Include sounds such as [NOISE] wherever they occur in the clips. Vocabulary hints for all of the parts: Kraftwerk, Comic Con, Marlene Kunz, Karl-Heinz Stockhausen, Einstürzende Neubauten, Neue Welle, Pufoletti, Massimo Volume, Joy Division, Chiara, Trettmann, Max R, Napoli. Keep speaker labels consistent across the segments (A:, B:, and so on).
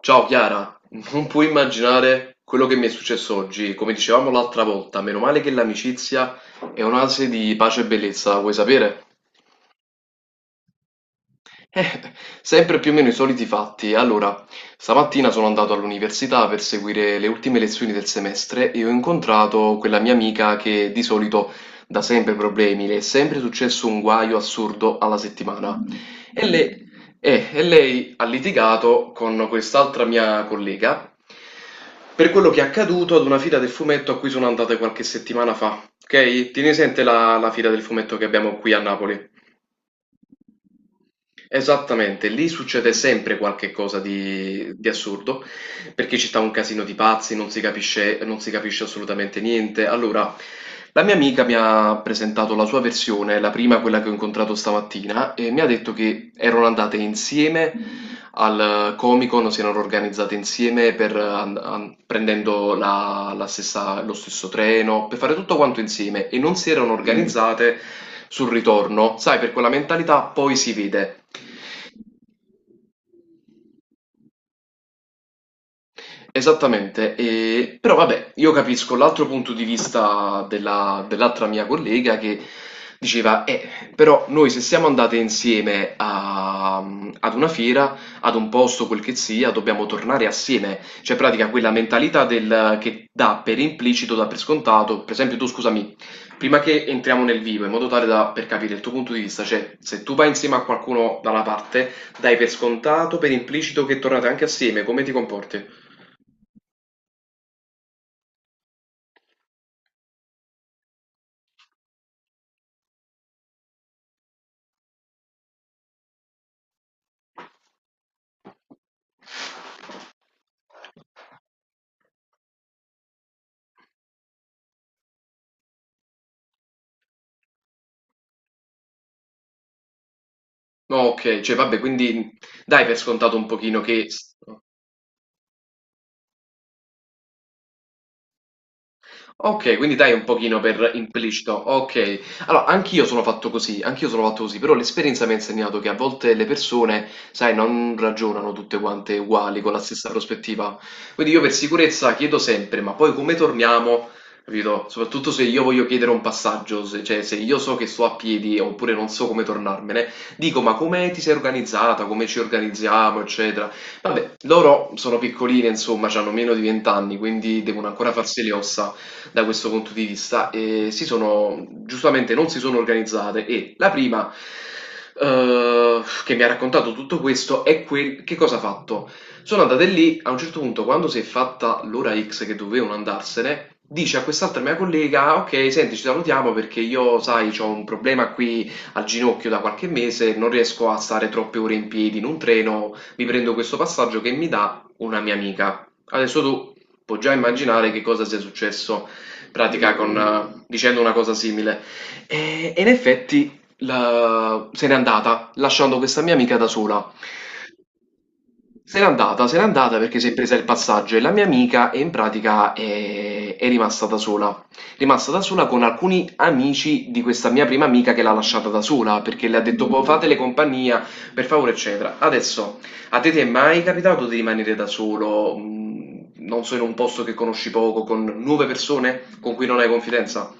A: Ciao Chiara, non puoi immaginare quello che mi è successo oggi. Come dicevamo l'altra volta, meno male che l'amicizia è un'ase di pace e bellezza, vuoi sapere? [LAUGHS] Eh, sempre più o meno i soliti fatti. Allora, stamattina sono andato all'università per seguire le ultime lezioni del semestre e ho incontrato quella mia amica che di solito dà sempre problemi, le è sempre successo un guaio assurdo alla settimana. E lei, e lei ha litigato con quest'altra mia collega per quello che è accaduto ad una fila del fumetto a cui sono andate qualche settimana fa. Ok? Tieni presente la fila del fumetto che abbiamo qui a Napoli. Esattamente, lì succede sempre qualche cosa di assurdo, perché ci sta un casino di pazzi, non si capisce, non si capisce assolutamente niente. Allora, la mia amica mi ha presentato la sua versione, la prima, quella che ho incontrato stamattina, e mi ha detto che erano andate insieme al Comic Con, si erano organizzate insieme per, prendendo lo stesso treno, per fare tutto quanto insieme e non si erano organizzate sul ritorno. Sai, per quella mentalità poi si vede. Esattamente, però vabbè, io capisco l'altro punto di vista dell'altra mia collega che diceva, però noi se siamo andate insieme ad una fiera, ad un posto, quel che sia, dobbiamo tornare assieme. Cioè, in pratica, quella mentalità del, che dà per implicito, dà per scontato. Per esempio, tu scusami, prima che entriamo nel vivo, in modo tale da, per capire il tuo punto di vista, cioè, se tu vai insieme a qualcuno da una parte, dai per scontato, per implicito che tornate anche assieme, come ti comporti? No, okay, cioè vabbè quindi dai per scontato un pochino. Che s Okay, quindi dai un pochino per implicito. Okay. Allora, anch'io sono fatto così, anch'io sono fatto così, però l'esperienza mi ha insegnato che a volte le persone, sai, non ragionano tutte quante uguali, con la stessa prospettiva. Quindi io per sicurezza chiedo sempre, ma poi come torniamo? Capito? Soprattutto se io voglio chiedere un passaggio, se, cioè se io so che sto a piedi oppure non so come tornarmene, dico, ma come ti sei organizzata, come ci organizziamo, eccetera. Vabbè, loro sono piccoline, insomma, hanno meno di 20 anni, quindi devono ancora farsi le ossa da questo punto di vista e si sono giustamente non si sono organizzate e la prima che mi ha raccontato tutto questo è quel che cosa ha fatto. Sono andate lì, a un certo punto quando si è fatta l'ora X che dovevano andarsene, dice a quest'altra mia collega, "Ah, ok, senti, ci salutiamo perché io, sai, ho un problema qui al ginocchio da qualche mese, non riesco a stare troppe ore in piedi in un treno, mi prendo questo passaggio che mi dà una mia amica." Adesso tu puoi già immaginare che cosa sia successo pratica con, dicendo una cosa simile. E in effetti se n'è andata, lasciando questa mia amica da sola. Se n'è andata, se n'è andata perché si è presa il passaggio e la mia amica e in pratica è rimasta da sola. Rimasta da sola con alcuni amici di questa mia prima amica che l'ha lasciata da sola perché le ha detto "Boh, fatele compagnia, per favore, eccetera." Adesso, a te ti è mai capitato di rimanere da solo, non so, in un posto che conosci poco, con nuove persone con cui non hai confidenza?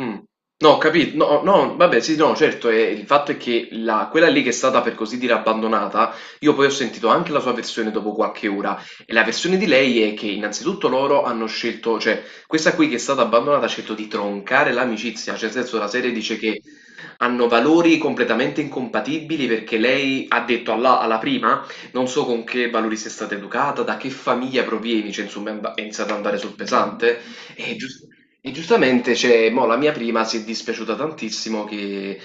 A: Mh. No, ho capi no, no, vabbè sì, no, certo, il fatto è che la quella lì che è stata per così dire abbandonata, io poi ho sentito anche la sua versione dopo qualche ora e la versione di lei è che innanzitutto loro hanno scelto cioè questa qui che è stata abbandonata ha scelto di troncare l'amicizia, cioè nel senso la serie dice che hanno valori completamente incompatibili perché lei ha detto alla prima non so con che valori sei stata educata, da che famiglia provieni, cioè insomma è iniziato ad andare sul pesante e, gius- e giustamente cioè, mo, la mia prima si è dispiaciuta tantissimo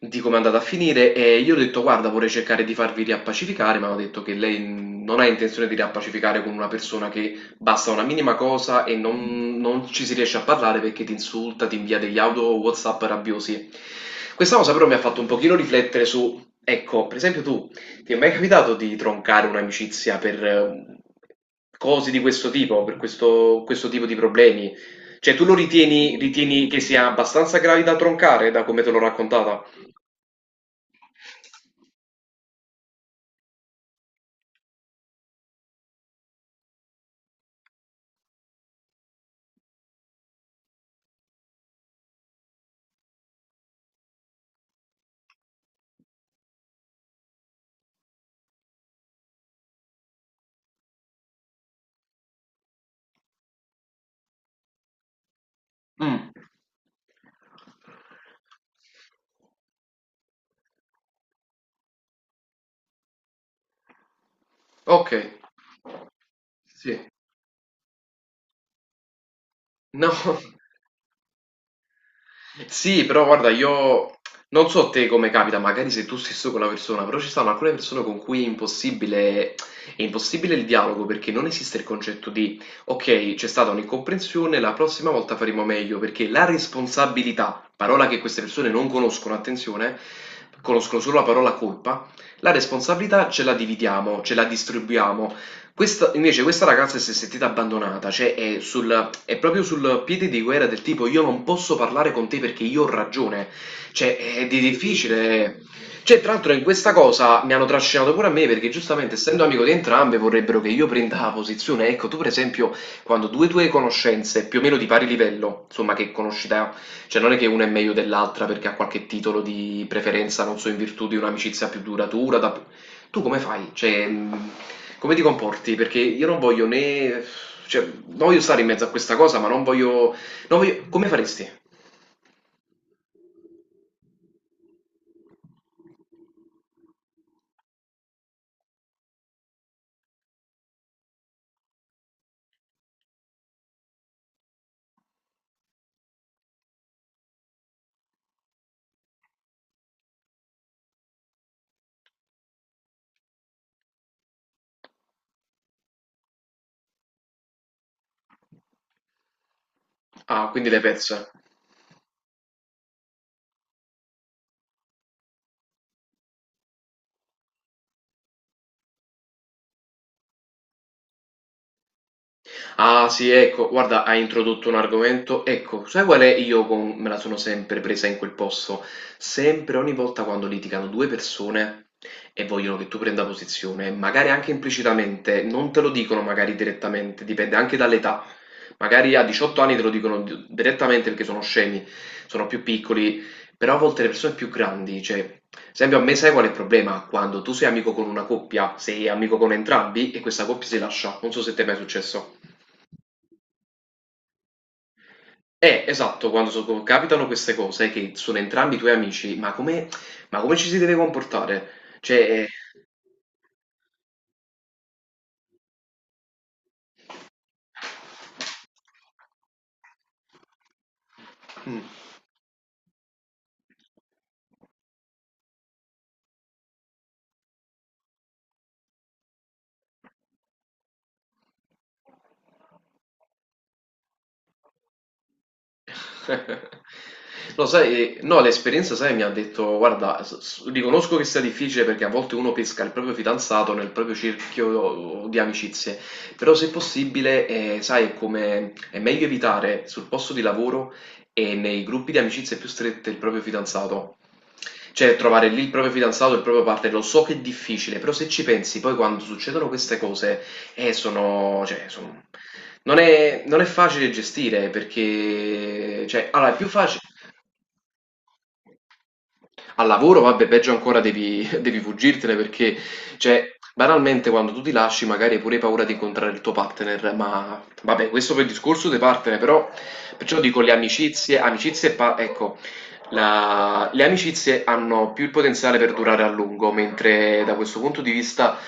A: di come è andata a finire e io ho detto guarda vorrei cercare di farvi riappacificare, ma hanno detto che lei non ha intenzione di riappacificare con una persona che basta una minima cosa e non ci si riesce a parlare perché ti insulta, ti invia degli audio WhatsApp rabbiosi. Questa cosa però mi ha fatto un pochino riflettere su, ecco, per esempio tu, ti è mai capitato di troncare un'amicizia per cose di questo tipo, per questo tipo di problemi? Cioè, tu lo ritieni che sia abbastanza gravi da troncare, da come te l'ho raccontata? Mm, ok, sì. No. [LAUGHS] Sì, però guarda, io non so te come capita, magari sei tu stesso con la persona, però ci sono alcune persone con cui è impossibile il dialogo perché non esiste il concetto di ok, c'è stata un'incomprensione, la prossima volta faremo meglio, perché la responsabilità, parola che queste persone non conoscono, attenzione, conoscono solo la parola colpa, la responsabilità ce la dividiamo, ce la distribuiamo. Invece questa ragazza si è sentita abbandonata, cioè è proprio sul piede di guerra del tipo io non posso parlare con te perché io ho ragione. Cioè, è di difficile. Cioè, tra l'altro in questa cosa mi hanno trascinato pure a me perché giustamente essendo amico di entrambe vorrebbero che io prenda la posizione. Ecco, tu per esempio, quando due tue conoscenze più o meno di pari livello, insomma che conosci da, cioè non è che una è meglio dell'altra perché ha qualche titolo di preferenza, non so, in virtù di un'amicizia più duratura, tu come fai? Cioè, come ti comporti? Perché io non voglio né cioè, non voglio stare in mezzo a questa cosa, ma non voglio come faresti? Ah, quindi l'hai persa. Ah sì, ecco, guarda, hai introdotto un argomento. Ecco, sai qual è? Io me la sono sempre presa in quel posto. Sempre, ogni volta quando litigano due persone e vogliono che tu prenda posizione, magari anche implicitamente, non te lo dicono magari direttamente, dipende anche dall'età. Magari a 18 anni te lo dicono direttamente perché sono scemi, sono più piccoli, però a volte le persone più grandi, cioè, ad esempio a me sai qual è il problema? Quando tu sei amico con una coppia, sei amico con entrambi e questa coppia si lascia. Non so se ti è mai successo. Esatto, quando capitano queste cose che sono entrambi i tuoi amici, ma come ci si deve comportare? Cioè, mm. [LAUGHS] Lo sai, no, l'esperienza, sai, mi ha detto, guarda, riconosco che sia difficile perché a volte uno pesca il proprio fidanzato nel proprio cerchio di amicizie, però se possibile, sai, è meglio evitare sul posto di lavoro e nei gruppi di amicizie più strette il proprio fidanzato. Cioè, trovare lì il proprio fidanzato, il proprio partner, lo so che è difficile, però se ci pensi, poi quando succedono queste cose, eh, sono, cioè, sono- non è facile gestire perché, cioè, allora, è più facile, al lavoro, vabbè, peggio ancora devi, [LAUGHS] devi fuggirtene perché, cioè, banalmente quando tu ti lasci magari hai pure paura di incontrare il tuo partner, ma vabbè, questo per il discorso dei partner, però, perciò dico le amicizie, ecco, le amicizie hanno più il potenziale per durare a lungo, mentre da questo punto di vista,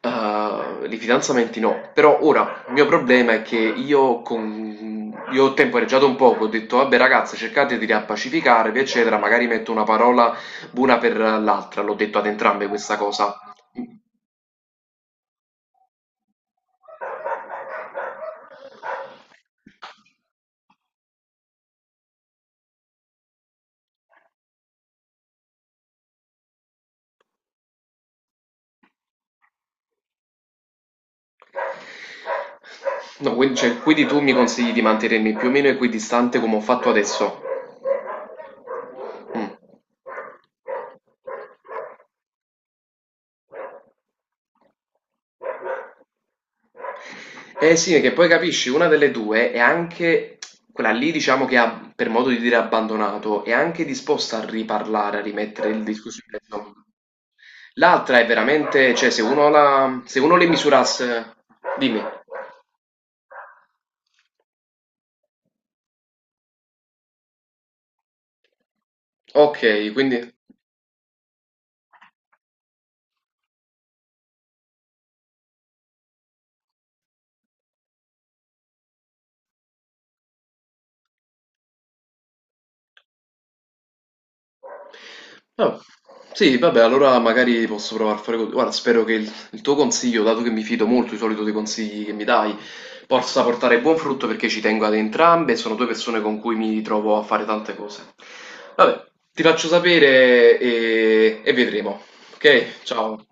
A: eh, i fidanzamenti no, però ora il mio problema è che io ho temporeggiato un poco, ho detto vabbè ragazze cercate di riappacificarvi eccetera, magari metto una parola buona per l'altra, l'ho detto ad entrambe questa cosa. No, quindi, quindi tu mi consigli di mantenermi più o meno equidistante come ho fatto adesso? Mm. Eh sì, che poi capisci, una delle due è anche quella lì, diciamo che ha, per modo di dire, abbandonato, è anche disposta a riparlare, a rimettere il discorso in mezzo. L'altra è veramente, cioè, se uno le misurasse, dimmi, ok, quindi. Ah, sì, vabbè, allora magari posso provare a fare così. Guarda, spero che il tuo consiglio, dato che mi fido molto di solito dei consigli che mi dai, possa portare buon frutto perché ci tengo ad entrambe, sono due persone con cui mi trovo a fare tante cose. Vabbè, ti faccio sapere e vedremo. Ok, ciao.